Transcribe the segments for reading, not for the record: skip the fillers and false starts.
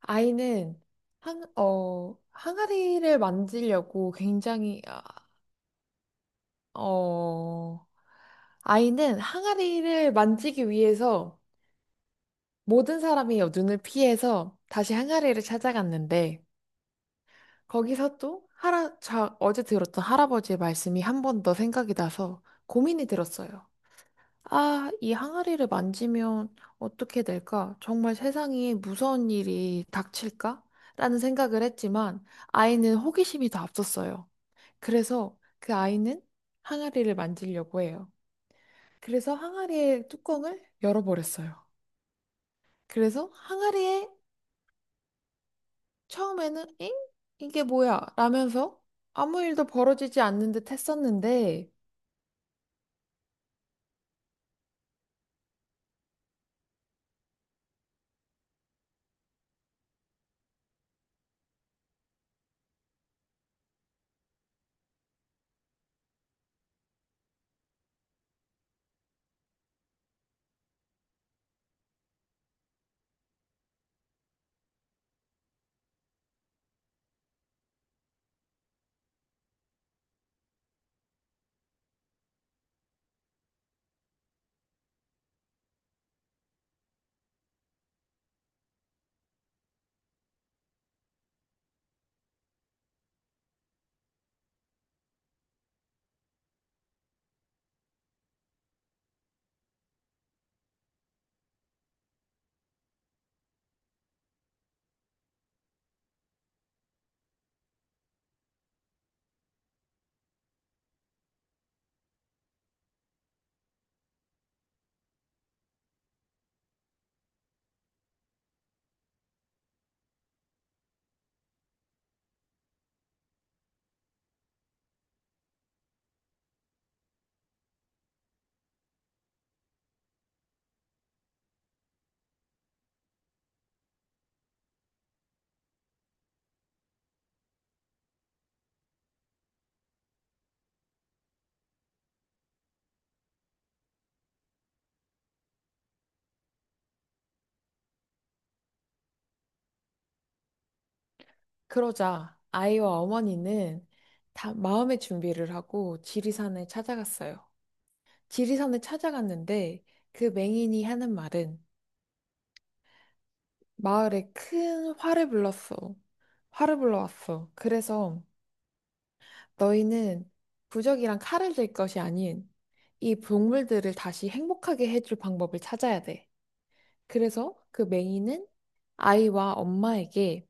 아이는 항아리를 만지려고 어, 아이는 항아리를 만지기 위해서 모든 사람이 눈을 피해서 다시 항아리를 찾아갔는데, 거기서 또 어제 들었던 할아버지의 말씀이 한 번 더 생각이 나서 고민이 들었어요. 아, 이 항아리를 만지면 어떻게 될까? 정말 세상에 무서운 일이 닥칠까? 라는 생각을 했지만 아이는 호기심이 더 앞섰어요. 그래서 그 아이는 항아리를 만지려고 해요. 그래서 항아리의 뚜껑을 열어버렸어요. 그래서 항아리에 처음에는 엥? 이게 뭐야? 라면서 아무 일도 벌어지지 않는 듯 했었는데 그러자 아이와 어머니는 다 마음의 준비를 하고 지리산을 찾아갔어요. 지리산을 찾아갔는데 그 맹인이 하는 말은 마을에 큰 화를 불렀어. 화를 불러왔어. 그래서 너희는 부적이랑 칼을 들 것이 아닌 이 동물들을 다시 행복하게 해줄 방법을 찾아야 돼. 그래서 그 맹인은 아이와 엄마에게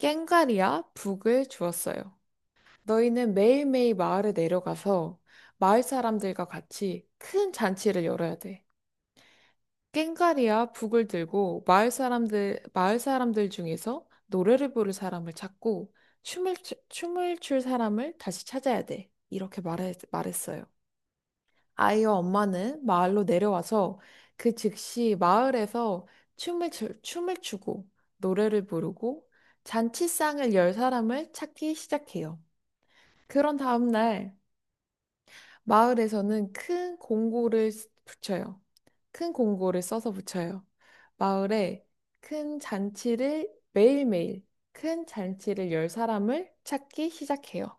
꽹과리와 북을 주었어요. 너희는 매일매일 마을에 내려가서 마을 사람들과 같이 큰 잔치를 열어야 돼. 꽹과리와 북을 들고 마을 사람들 중에서 노래를 부를 사람을 찾고 춤을, 춤을 출 사람을 다시 찾아야 돼. 이렇게 말했어요. 아이와 엄마는 마을로 내려와서 그 즉시 마을에서 춤을, 춤을 추고 노래를 부르고 잔치상을 열 사람을 찾기 시작해요. 그런 다음날 마을에서는 큰 공고를 붙여요. 큰 공고를 써서 붙여요. 마을에 큰 잔치를 매일매일 큰 잔치를 열 사람을 찾기 시작해요.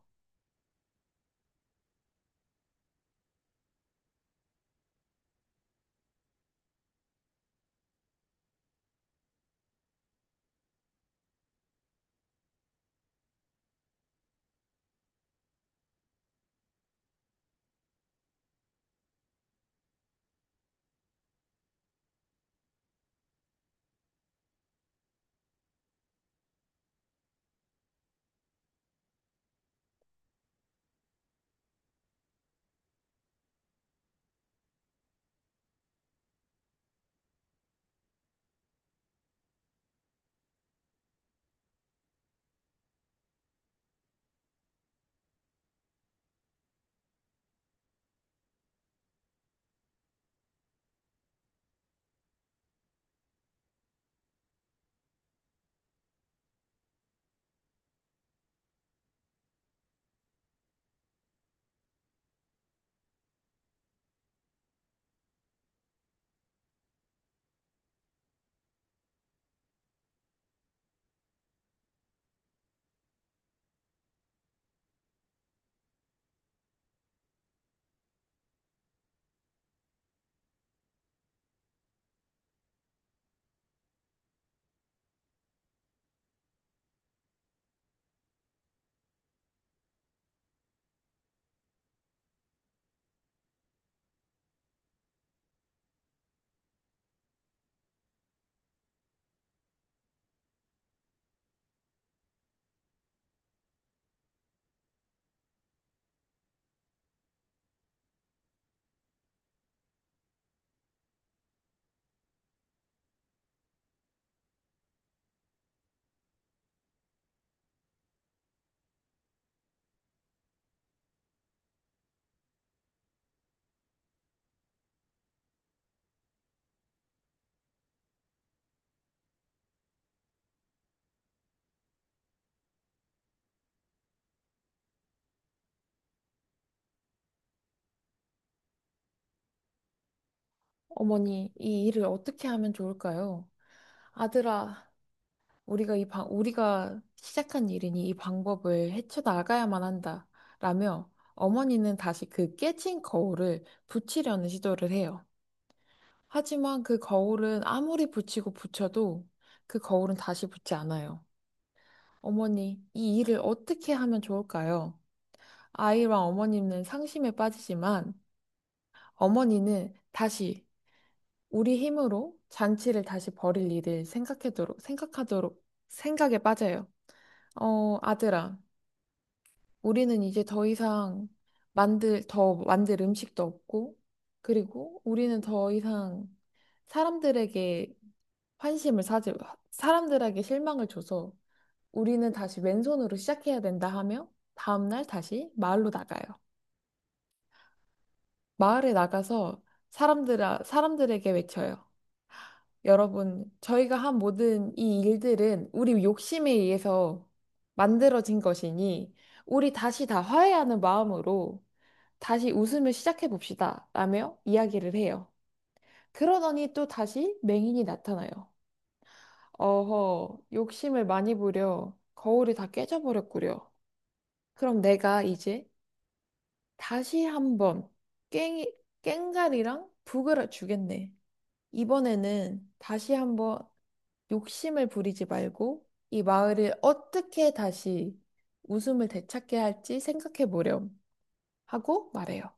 어머니, 이 일을 어떻게 하면 좋을까요? 아들아, 우리가 우리가 시작한 일이니 이 방법을 헤쳐나가야만 한다. 라며 어머니는 다시 그 깨진 거울을 붙이려는 시도를 해요. 하지만 그 거울은 아무리 붙이고 붙여도 그 거울은 다시 붙지 않아요. 어머니, 이 일을 어떻게 하면 좋을까요? 아이와 어머니는 상심에 빠지지만 어머니는 다시 우리 힘으로 잔치를 다시 벌일 일을 생각하도록, 생각에 빠져요. 아들아. 우리는 이제 더 이상 더 만들 음식도 없고, 그리고 우리는 더 이상 사람들에게 환심을 사지, 사람들에게 실망을 줘서 우리는 다시 왼손으로 시작해야 된다 하며 다음날 다시 마을로 나가요. 마을에 나가서 사람들, 사람들에게 외쳐요. 여러분, 저희가 한 모든 이 일들은 우리 욕심에 의해서 만들어진 것이니 우리 다시 다 화해하는 마음으로 다시 웃음을 시작해 봅시다. 라며 이야기를 해요. 그러더니 또 다시 맹인이 나타나요. 어허, 욕심을 많이 부려. 거울이 다 깨져버렸구려. 그럼 내가 이제 다시 한번 깽이, 깽가리랑 북을 주겠네. 이번에는 다시 한번 욕심을 부리지 말고 이 마을을 어떻게 다시 웃음을 되찾게 할지 생각해 보렴. 하고 말해요.